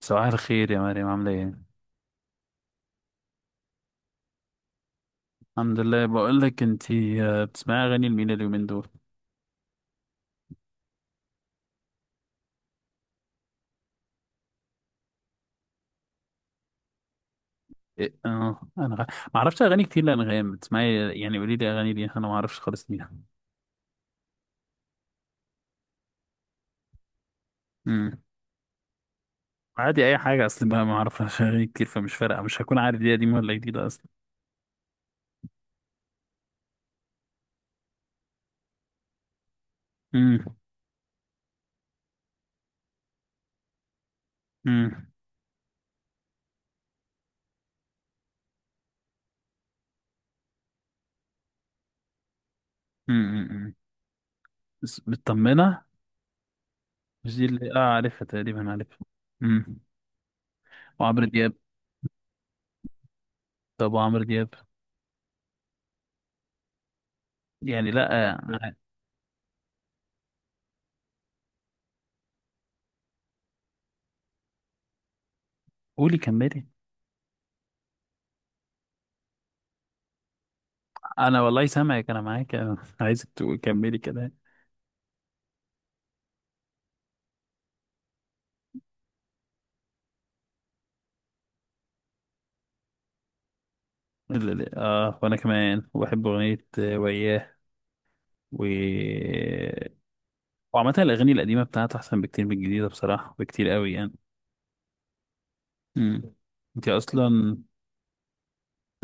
صباح الخير يا مريم، عاملة ايه؟ الحمد لله، بقول لك انتي بتسمعي اغاني لمين اليومين دول؟ إيه؟ اه. ما اعرفش اغاني كتير لانغام، بتسمعي يعني قولي لي اغاني دي، انا ما اعرفش خالص مين. امم. عادي، اي حاجة، اصل بقى ما اعرفش اغاني كتير، فمش فارقة، مش هكون عارف دي قديمة ولا جديدة اصلا. امم. امم. امم. بس مطمنة، مش دي اللي اه، عارفها؟ تقريبا عارفها. امم. وعمرو دياب؟ طب وعمرو دياب؟ يعني لا، قولي كملي. انا والله سامعك، انا معاك، انا عايزك تكملي كده. وانا كمان، وبحب اغنية وياه. و وعامة الاغاني القديمة بتاعته احسن بكتير من الجديدة، بصراحة بكتير قوي يعني. امم. انت اصلا...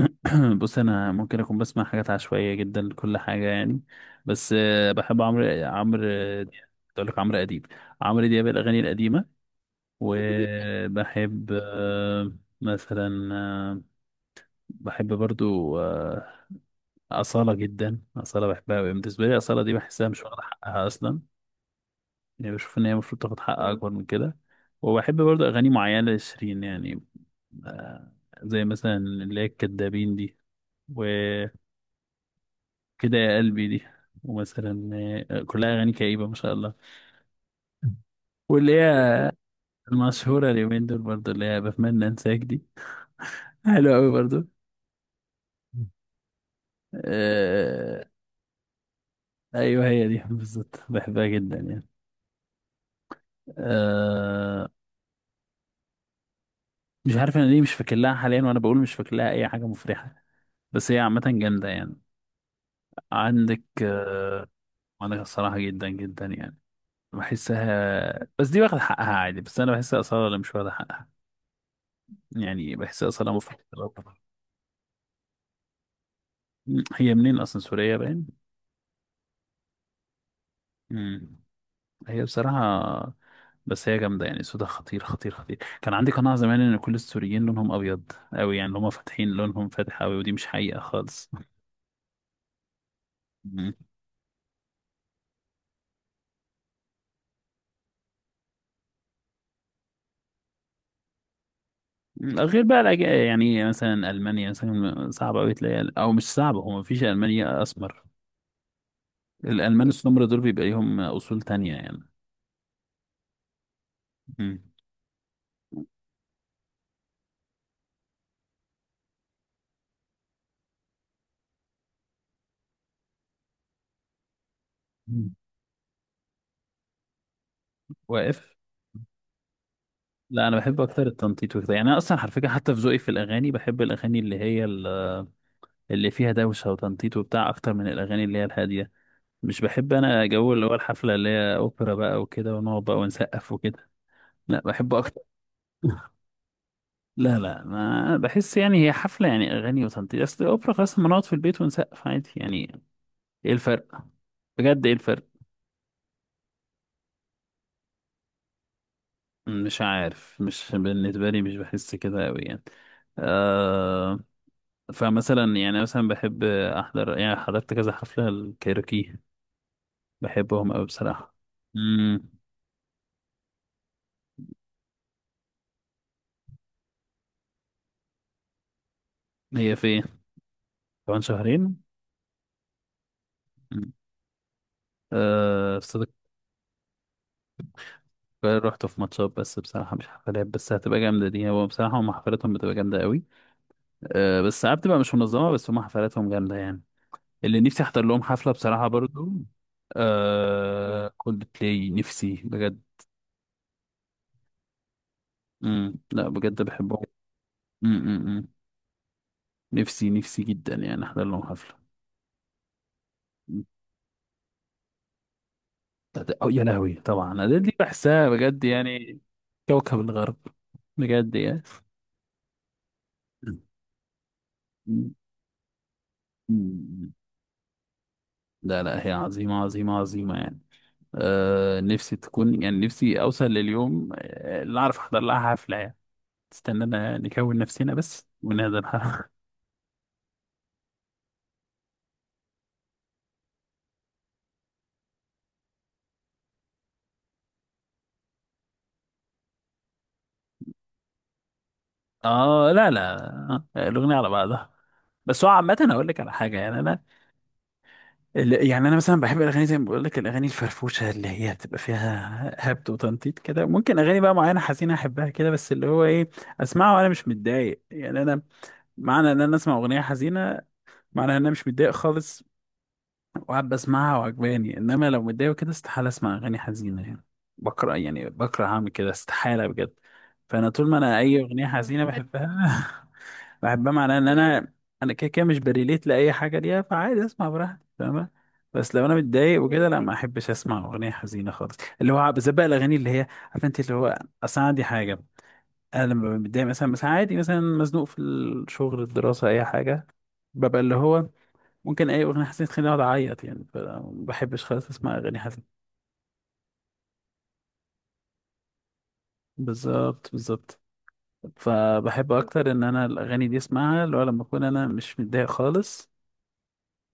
بص، انا ممكن اكون بسمع حاجات عشوائية جدا لكل حاجة يعني. بس بحب عمرو عمرو آه، دياب، كنت اقول لك عمرو اديب. عمرو دياب، الاغاني القديمة. وبحب مثلا بحب برضو أصالة جدا. أصالة بحبها أوي، بالنسبة لي أصالة دي بحسها مش واخدة حقها أصلا. يعني بشوف ان هي المفروض تاخد حق اكبر من كده. وبحب برضه اغاني معينه لشيرين يعني. آه، زي مثلا اللي هي الكدابين دي وكده، يا قلبي دي. ومثلا كلها اغاني كئيبه، ما شاء الله. واللي هي المشهوره اليومين دول برضه، اللي هي بتمنى انساك دي، حلوه قوي برضه. آه. ايوه، هي دي بالظبط، بحبها جدا يعني. آه. مش عارف انا ليه مش فاكر لها حاليا، وانا بقول مش فاكر لها اي حاجه مفرحه، بس هي عامه جامده يعني. عندك عندك الصراحة، جدا جدا يعني. بحسها بس دي واخد حقها عادي، بس أنا بحسها أصالة اللي مش واخدة حقها. يعني بحسها أصالة مفضلة. هي منين أصلا؟ سورية باين. مم. هي بصراحة، بس هي جامدة يعني، صوتها خطير خطير خطير. كان عندي قناعة زمان إن كل السوريين لونهم أبيض أوي، يعني اللي هما فاتحين لونهم فاتح أوي، ودي مش حقيقة خالص. مم. غير بقى يعني مثلا ألمانيا، مثلا صعب أوي تلاقي، أو مش صعب، هو مفيش ألمانيا أسمر. الألمان السمر دول بيبقى ليهم أصول تانية يعني. مم. مم. واقف. لا، أنا بحب أكتر التنطيط وكده يعني. أنا أصلا على فكرة، حتى في ذوقي في الأغاني، بحب الأغاني اللي فيها دوشة وتنطيط وبتاع، أكتر من الأغاني اللي هي الهادية. مش بحب أنا جو اللي هو الحفلة اللي هي أوبرا بقى وكده، ونقعد بقى ونسقف وكده. لا، بحب أكتر. لا لا، ما بحس يعني هي حفلة، يعني أغاني وتنطيط. أصل الأوبرا خلاص، ما نقعد في البيت ونسقف عادي يعني. إيه الفرق؟ بجد إيه الفرق؟ مش عارف، مش بالنسبة لي، مش بحس كده أوي يعني. آه. فمثلا يعني، مثلا بحب أحضر، يعني حضرت كذا حفلة الكايروكي. بحبهم أوي بصراحة. مم. هي فين؟ كمان شهرين؟ مم. آه في استاد القاهرة، رحت في ماتشات بس بصراحة، مش حفلات، بس هتبقى جامدة دي. هو بصراحة هم حفلاتهم بتبقى جامدة أوي. آه بس ساعات بتبقى مش منظمة، بس هم حفلاتهم جامدة يعني. اللي نفسي أحضر لهم حفلة بصراحة برضو، آه، كولد بلاي، نفسي بجد. امم. لا بجد بحبهم. امم. أمم. نفسي نفسي جدا يعني احضر لهم حفله. مم. أو يا لهوي، طبعا أديل دي بحسها بجد يعني. كوكب الغرب، بجد يعني. مم. مم. لا لا، هي عظيمه عظيمه عظيمه يعني. آه، نفسي تكون، يعني نفسي اوصل لليوم اللي اعرف احضر لها حفله يعني. استنانا نكون نفسنا بس ونهدى الحفله. اه لا لا. الاغنيه على بعضها. بس هو عامه هقول لك على حاجه يعني، انا يعني انا مثلا بحب الاغاني، زي ما بقول لك الاغاني الفرفوشه اللي هي بتبقى فيها هبد وتنطيط كده. ممكن اغاني بقى معينه حزينه احبها كده، بس اللي هو ايه، اسمعها وانا مش متضايق يعني. انا معنى ان انا اسمع اغنيه حزينه، معنى ان انا مش متضايق خالص، وقاعد بسمعها وعجباني. انما لو متضايق وكده، استحاله اسمع اغاني حزينه يعني. بكره، يعني بكره اعمل كده استحاله بجد. فانا طول ما انا، اي اغنيه حزينه بحبها، بحبها معناها ان انا، انا كده كده مش بريليت لاي حاجه ليها، فعادي اسمع براحتي، فاهمة. بس لو انا متضايق وكده، لا ما احبش اسمع اغنيه حزينه خالص، اللي هو بالذات بقى الاغاني اللي هي عارفه انت اللي هو، اصل أنا عندي حاجه. انا لما ببقى متضايق مثلا، عادي، مثلا مزنوق في الشغل، الدراسه، اي حاجه، ببقى اللي هو، ممكن اي اغنيه حزينه تخليني اقعد اعيط يعني، فما بحبش خالص اسمع اغاني حزينه. بالظبط بالظبط. فبحب اكتر ان انا الاغاني دي اسمعها اللي هو لما اكون انا مش متضايق خالص.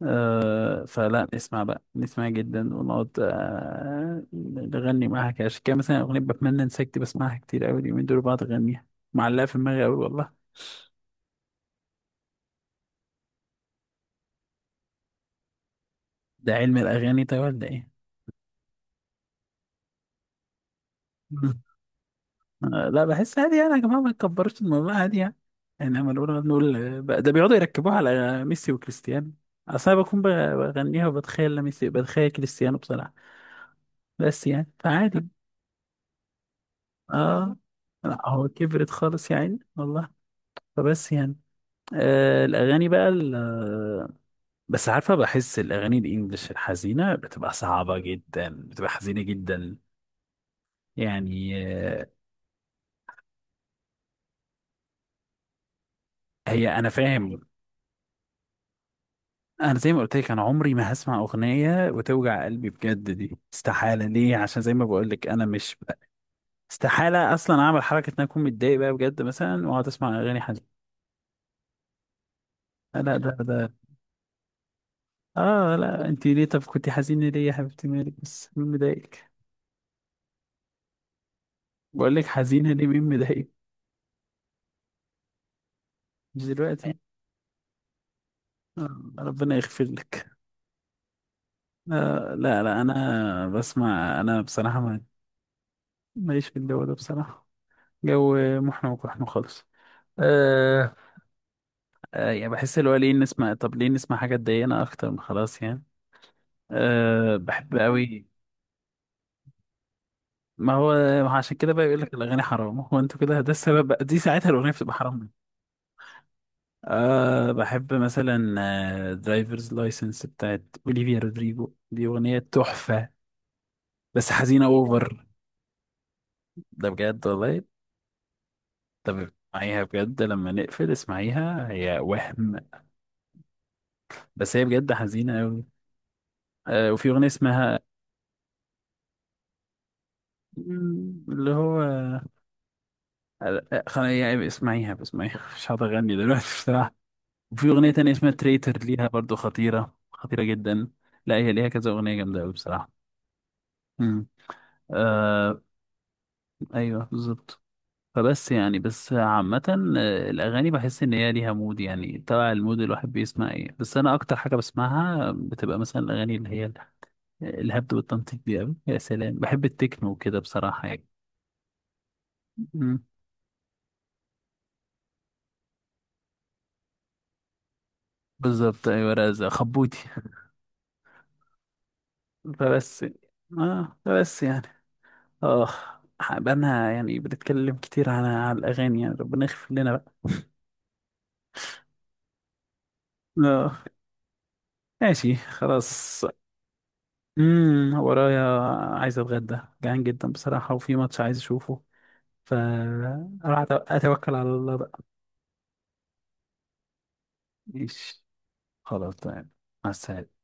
آه فلا، نسمع بقى نسمع جدا، ونقعد آه نغني معاها كده. عشان كده مثلا أغنية بتمنى انساك دي بسمعها كتير أوي اليومين دول، بقعد أغنيها، معلقة في دماغي أوي والله. ده علم الأغاني طيب ولا إيه؟ مم. آه لا، بحس عادي يعني، يا جماعة ما تكبرش الموضوع، عادي يعني. يعني لما نقول نقول ده بيقعدوا يركبوها على ميسي وكريستيانو. أصل أنا بكون بغنيها وبتخيل ميسي، بتخيل كريستيانو بصراحة. بس يعني، فعادي. آه. لا هو كبرت خالص يعني والله. فبس يعني، الأغاني بقى بس عارفة، بحس الأغاني الإنجليش الحزينة بتبقى صعبة جدا، بتبقى حزينة جدا يعني. هي أنا فاهم. أنا زي ما قلت لك، أنا عمري ما هسمع أغنية وتوجع قلبي بجد، دي استحالة. ليه؟ عشان زي ما بقول لك، أنا مش، استحالة أصلا أعمل حركة إن أنا أكون متضايق بقى بجد مثلا وأقعد أسمع أغاني حزينة. لا لا ده ده آه لا، أنت ليه؟ طب كنت حزينة ليه يا حبيبتي، مالك؟ بس مين مضايقك؟ بقول لك حزينة ليه؟ مين مضايقك؟ مش دلوقتي. ربنا يغفر لك. لا لا انا بسمع، انا بصراحه ماليش في الجو ده بصراحه. جو محن وقحن خالص. أه. أه يعني بحس اللي هو، ليه نسمع؟ طب ليه نسمع حاجه تضايقنا اكتر من خلاص يعني؟ أه. بحب قوي. ما هو عشان كده بقى يقول لك الاغاني حرام، هو انتوا كده، ده السبب بقى، دي ساعتها الاغنيه بتبقى حرام. أه بحب مثلا درايفرز لايسنس بتاعت اوليفيا رودريجو، دي اغنيه تحفه، بس حزينه اوفر. ده بجد والله. طب اسمعيها بجد، لما نقفل اسمعيها هي وهم، بس هي بجد حزينة أوي. آه، وفي أغنية اسمها مم، اللي هو آه، يعني اسمعيها اسمعيها، مش هقدر أغني دلوقتي بصراحة. وفي أغنية تانية اسمها تريتر ليها برضو، خطيرة خطيرة جدا. لا هي ليها كذا أغنية جامدة أوي بصراحة. مم. آه. أيوه بالظبط. فبس يعني، بس عامة الأغاني بحس إن هي ليها مود يعني، تبع المود الواحد بيسمع إيه. بس أنا أكتر حاجة بسمعها بتبقى مثلا الأغاني اللي هي الهبد والتنطيط دي أوي. يا سلام، بحب التكنو كده بصراحة يعني. مم. بالظبط، أيوة، رزق خبوتي. فبس يعني. آه، بقالنا يعني بنتكلم كتير على الأغاني يعني، ربنا يغفر لنا بقى. آه. ماشي خلاص. ورايا، عايز أتغدى، جعان جدا بصراحة، وفي ماتش عايز أشوفه، فأروح أتوكل على الله بقى. ماشي، خلاص تمام، مع السلامة.